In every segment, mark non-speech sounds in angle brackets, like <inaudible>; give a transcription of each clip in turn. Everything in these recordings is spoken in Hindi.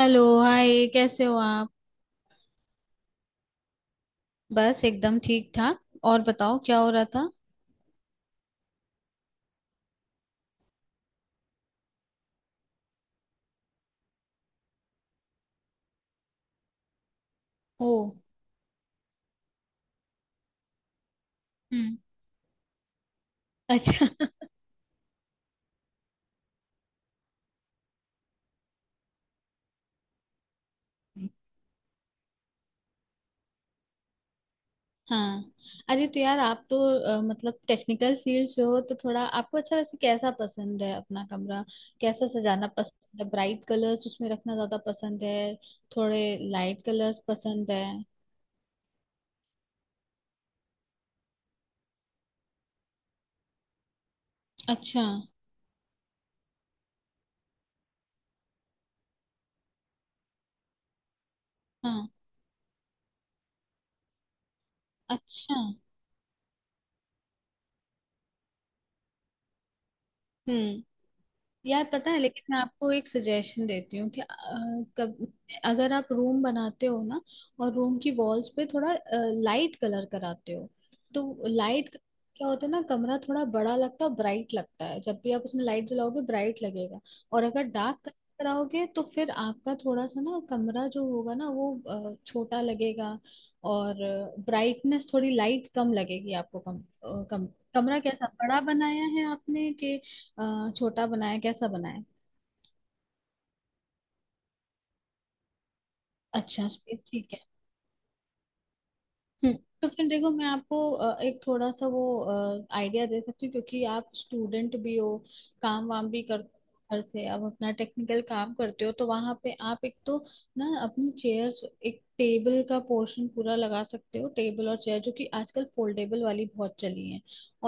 Hello, hi. कैसे हो आप? बस एकदम ठीक ठाक। और बताओ, क्या हो रहा था? ओ। हम्म। अच्छा। <laughs> हाँ। अरे, तो यार, आप तो मतलब टेक्निकल फील्ड से हो तो थोड़ा आपको अच्छा। वैसे कैसा पसंद है अपना कमरा, कैसा सजाना पसंद है? ब्राइट कलर्स उसमें रखना ज्यादा पसंद है, थोड़े लाइट कलर्स पसंद है? अच्छा। हाँ। अच्छा। हम्म। यार पता है, लेकिन मैं आपको एक सजेशन देती हूँ कि अ, कब अगर आप रूम बनाते हो ना, और रूम की वॉल्स पे थोड़ा लाइट कलर कराते हो, तो लाइट क्या होता है ना, कमरा थोड़ा बड़ा लगता है, ब्राइट लगता है। जब भी आप उसमें लाइट जलाओगे ब्राइट लगेगा। और अगर डार्क कराओगे तो फिर आपका थोड़ा सा ना कमरा जो होगा ना वो छोटा लगेगा। और ब्राइटनेस थोड़ी लाइट कम लगेगी आपको, कम कम। कमरा कैसा बड़ा बनाया है आपने, कि छोटा बनाया, कैसा बनाया? अच्छा, स्पेस ठीक है। हम्म। तो फिर देखो, मैं आपको एक थोड़ा सा वो आइडिया दे सकती हूँ। क्योंकि आप स्टूडेंट भी हो, काम वाम भी कर घर से अब अपना टेक्निकल काम करते हो, तो वहां पे आप एक तो ना अपनी चेयर्स एक टेबल का पोर्शन पूरा लगा सकते हो। टेबल और चेयर, जो कि आजकल फोल्डेबल वाली बहुत चली है,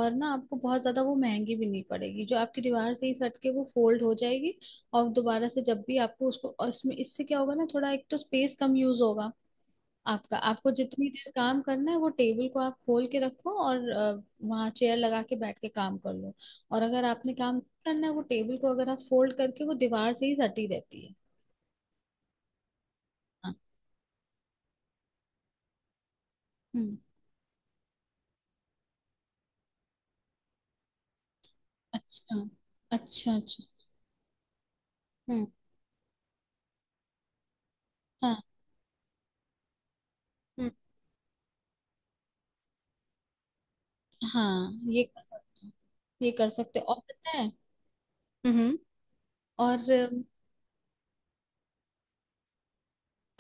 और ना आपको बहुत ज्यादा वो महंगी भी नहीं पड़ेगी, जो आपकी दीवार से ही सट के वो फोल्ड हो जाएगी। और दोबारा से जब भी आपको उसको, और इसमें इससे क्या होगा ना, थोड़ा एक तो स्पेस कम यूज होगा आपका। आपको जितनी देर काम करना है वो टेबल को आप खोल के रखो, और वहाँ चेयर लगा के बैठ के काम कर लो। और अगर आपने काम नहीं करना है वो टेबल को अगर आप फोल्ड करके वो दीवार से ही सटी रहती है। हाँ। हम्म। अच्छा, अच्छा, अच्छा। हम्म। हाँ। हम्म। हाँ, ये कर सकते हो, ये कर सकते हो, और पता है। हम्म। और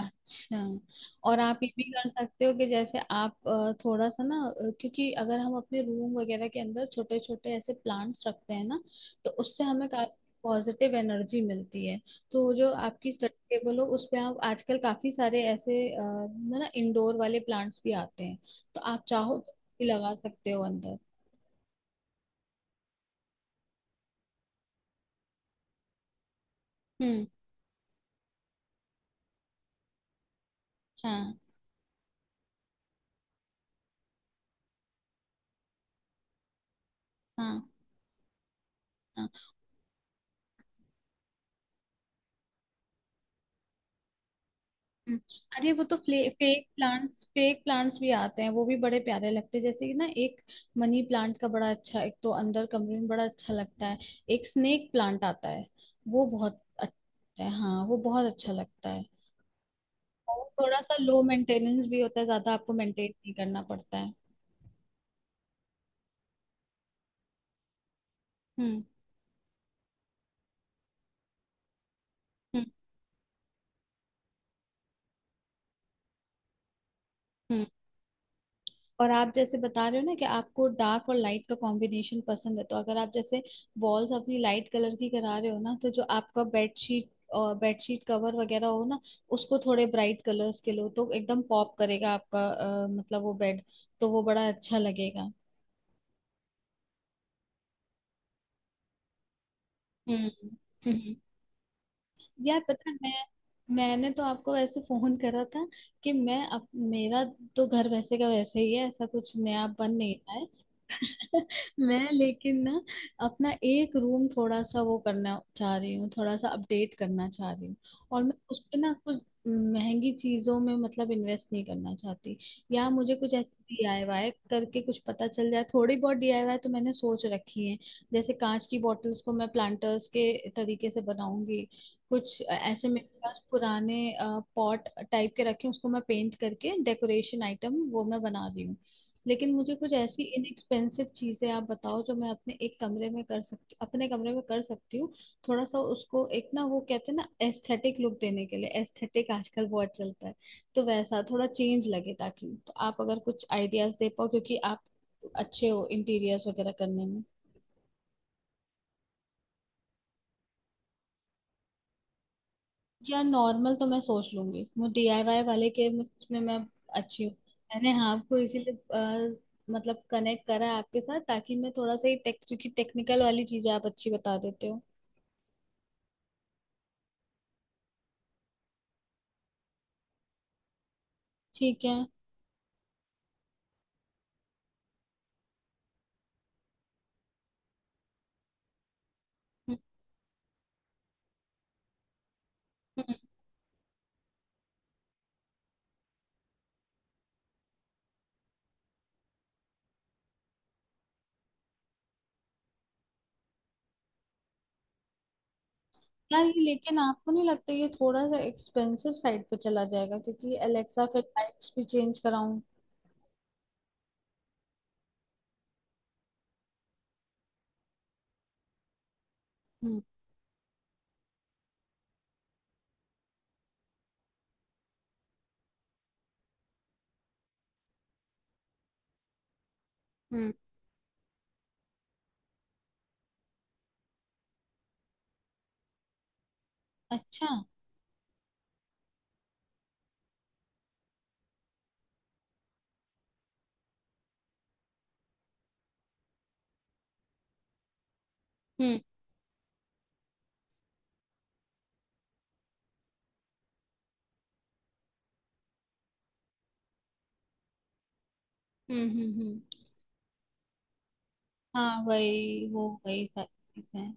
अच्छा, और आप ये भी कर सकते हो कि जैसे आप थोड़ा सा ना क्योंकि अगर हम अपने रूम वगैरह के अंदर छोटे छोटे ऐसे प्लांट्स रखते हैं ना, तो उससे हमें काफी पॉजिटिव एनर्जी मिलती है। तो जो आपकी स्टडी टेबल हो उस पे, आप आजकल काफी सारे ऐसे ना इंडोर वाले प्लांट्स भी आते हैं, तो आप चाहो तो भी लगा सकते हो अंदर। हम्म। हाँ हाँ हाँ। हम्म। अरे, वो तो फेक प्लांट्स, फेक प्लांट्स भी आते हैं। वो भी बड़े प्यारे लगते हैं, जैसे कि ना एक मनी प्लांट का बड़ा अच्छा, एक तो अंदर कमरे में बड़ा अच्छा लगता है। एक स्नेक प्लांट आता है, वो बहुत अच्छा है। हाँ, वो बहुत अच्छा लगता है। और थोड़ा सा लो मेंटेनेंस भी होता है, ज्यादा आपको मेंटेन नहीं करना पड़ता है। हम्म। हम्म। हम्म। और आप जैसे बता रहे हो ना कि आपको डार्क और लाइट का कॉम्बिनेशन पसंद है, तो अगर आप जैसे वॉल्स अपनी लाइट कलर की करा रहे हो ना, तो जो आपका बेडशीट और बेडशीट कवर वगैरह हो ना, उसको थोड़े ब्राइट कलर्स के लो तो एकदम पॉप करेगा आपका मतलब वो बेड। तो वो बड़ा अच्छा लगेगा। हम्म। हम्म। यार पता है, मैं, मैंने तो आपको वैसे फोन करा था कि मैं, अब मेरा तो घर वैसे का वैसे ही है, ऐसा कुछ नया बन नहीं रहा है। <laughs> मैं लेकिन ना अपना एक रूम थोड़ा सा वो करना चाह रही हूँ, थोड़ा सा अपडेट करना चाह रही हूँ। और मैं उस पे ना कुछ महंगी चीजों में मतलब इन्वेस्ट नहीं करना चाहती, या मुझे कुछ ऐसे डीआईवाई करके कुछ पता चल जाए, थोड़ी बहुत डीआईवाई तो मैंने सोच रखी है। जैसे कांच की बॉटल्स को मैं प्लांटर्स के तरीके से बनाऊंगी, कुछ ऐसे मेरे पास पुराने पॉट टाइप के रखे हैं, उसको मैं पेंट करके डेकोरेशन आइटम वो मैं बना रही हूँ। लेकिन मुझे कुछ ऐसी इनएक्सपेंसिव चीजें आप बताओ जो मैं अपने एक कमरे में कर सकती, अपने कमरे में कर सकती हूँ। थोड़ा सा उसको एक ना, वो कहते हैं ना, एस्थेटिक लुक देने के लिए। एस्थेटिक आजकल बहुत चलता है, तो वैसा थोड़ा चेंज लगे ताकि। तो आप अगर कुछ आइडियाज दे पाओ क्योंकि आप अच्छे हो इंटीरियर्स वगैरह करने में। यार नॉर्मल तो मैं सोच लूंगी, मैं डीआईवाई वाले के में मैं अच्छी हूँ। मैंने हाँ आपको इसीलिए मतलब कनेक्ट करा है आपके साथ, ताकि मैं थोड़ा सा ही टेक क्योंकि टेक्निकल वाली चीजें आप अच्छी बता देते हो। ठीक है। हम्म। हम्म। यार ये, लेकिन आपको नहीं लगता ये थोड़ा सा एक्सपेंसिव साइड पे चला जाएगा क्योंकि एलेक्सा फिर लाइट्स भी चेंज कराऊं? हम्म। हम्म। अच्छा। हम्म। हम्म। हम्म। हम्म। हाँ, वही वो वही सारी चीजें।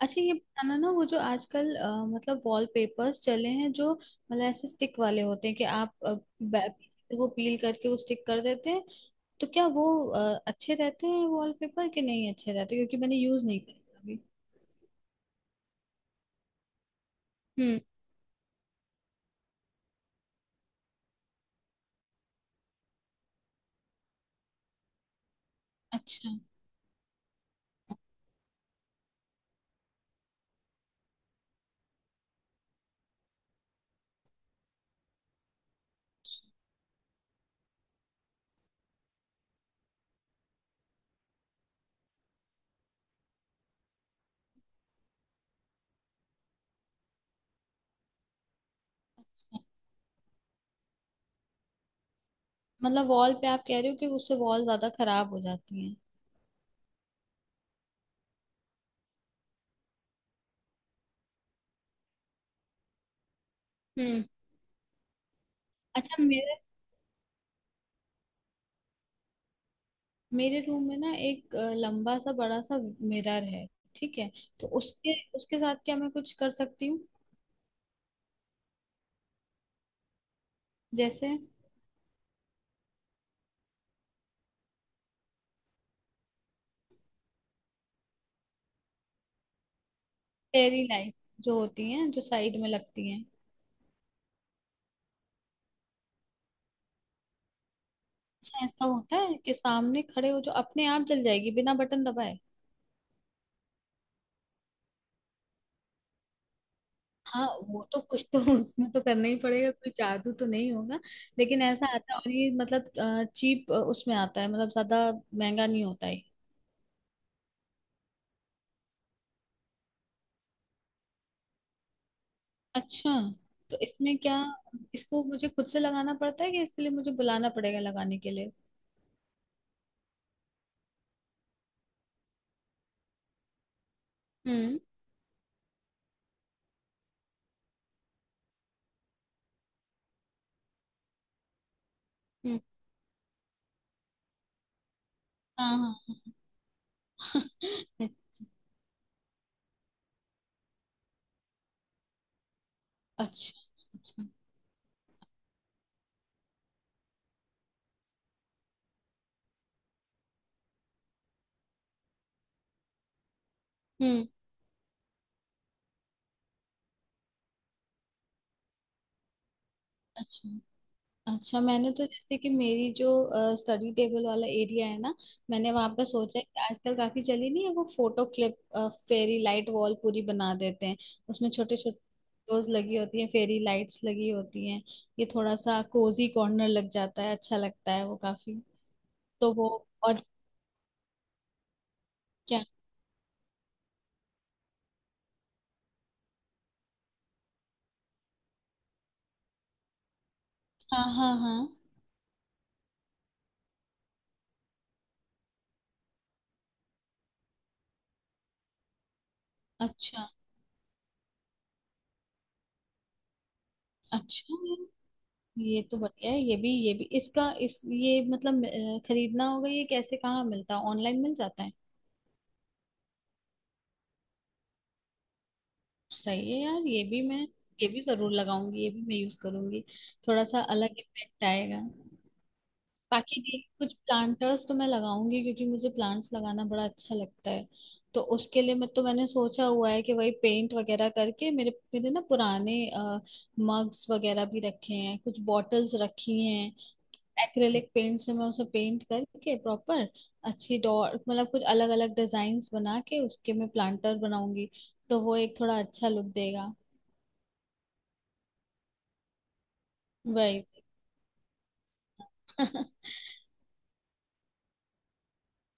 अच्छा, ये बताना ना, वो जो आजकल मतलब वॉलपेपर्स चले हैं, जो मतलब ऐसे स्टिक वाले होते हैं कि आप बै- वो पील करके वो स्टिक कर देते हैं। तो क्या वो अच्छे रहते हैं वॉलपेपर के, नहीं अच्छे रहते, क्योंकि मैंने यूज नहीं करे अभी? हम्म। अच्छा, अच्छा। मतलब वॉल पे आप कह रहे हो कि उससे वॉल ज्यादा खराब हो जाती है? हम्म। अच्छा, मेरे मेरे रूम में ना एक लंबा सा बड़ा सा मिरर है, ठीक है? तो उसके उसके साथ क्या मैं कुछ कर सकती हूँ, जैसे फेरी लाइट्स जो होती हैं जो साइड में लगती हैं? अच्छा, ऐसा होता है कि सामने खड़े हो जो अपने आप जल जाएगी बिना बटन दबाए? हाँ, वो तो कुछ तो <laughs> उसमें तो करना ही पड़ेगा, कोई जादू तो नहीं होगा। लेकिन ऐसा आता है, और ये मतलब चीप उसमें आता है, मतलब ज्यादा महंगा नहीं होता है? अच्छा, तो इसमें क्या, इसको मुझे खुद से लगाना पड़ता है कि इसके लिए मुझे बुलाना पड़ेगा लगाने के लिए? हम्म। हम्म। हाँ हाँ। <laughs> हाँ। अच्छा, अच्छा। हम्म। अच्छा, अच्छा, मैंने तो जैसे कि मेरी जो स्टडी टेबल वाला एरिया है ना, मैंने वहां पर सोचा है कि आजकल काफी चली नहीं है वो photo clip fairy light wall पूरी बना देते हैं, उसमें छोटे छोटे फोटोज लगी होती हैं, फेरी लाइट्स लगी होती हैं, ये थोड़ा सा कोजी कॉर्नर लग जाता है, अच्छा लगता है वो काफी। तो वो और क्या? हाँ हाँ हाँ। अच्छा, अच्छा। ये तो बढ़िया है, ये भी इसका इस ये मतलब खरीदना होगा ये? कैसे, कहाँ मिलता है, ऑनलाइन मिल जाता है? सही है यार, ये भी मैं, ये भी जरूर लगाऊंगी, ये भी मैं यूज करूंगी। थोड़ा सा अलग इफेक्ट आएगा। बाकी ये कुछ प्लांटर्स तो मैं लगाऊंगी क्योंकि मुझे प्लांट्स लगाना बड़ा अच्छा लगता है। तो उसके लिए मैं, तो मैंने सोचा हुआ है कि वही पेंट वगैरह करके मेरे मेरे ना पुराने मग्स वगैरह भी रखे हैं, कुछ बॉटल्स रखी हैं, एक्रेलिक पेंट से मैं उसे पेंट करके प्रॉपर अच्छी डॉट मतलब कुछ अलग अलग डिजाइन बना के उसके मैं प्लांटर बनाऊंगी। तो वो एक थोड़ा अच्छा लुक देगा। वही। <laughs>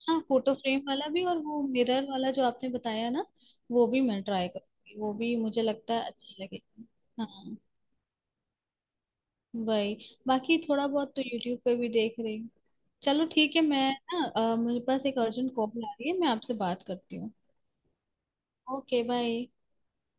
हाँ, फोटो फ्रेम वाला भी, और वो मिरर वाला जो आपने बताया ना, वो भी मैं ट्राई करूंगी, वो भी मुझे लगता है अच्छा लगेगा। हाँ, वही। बाकी थोड़ा बहुत तो यूट्यूब पे भी देख रही हूँ। चलो ठीक है, मैं ना मेरे पास एक अर्जेंट कॉल आ रही है, मैं आपसे बात करती हूँ। Okay, bye.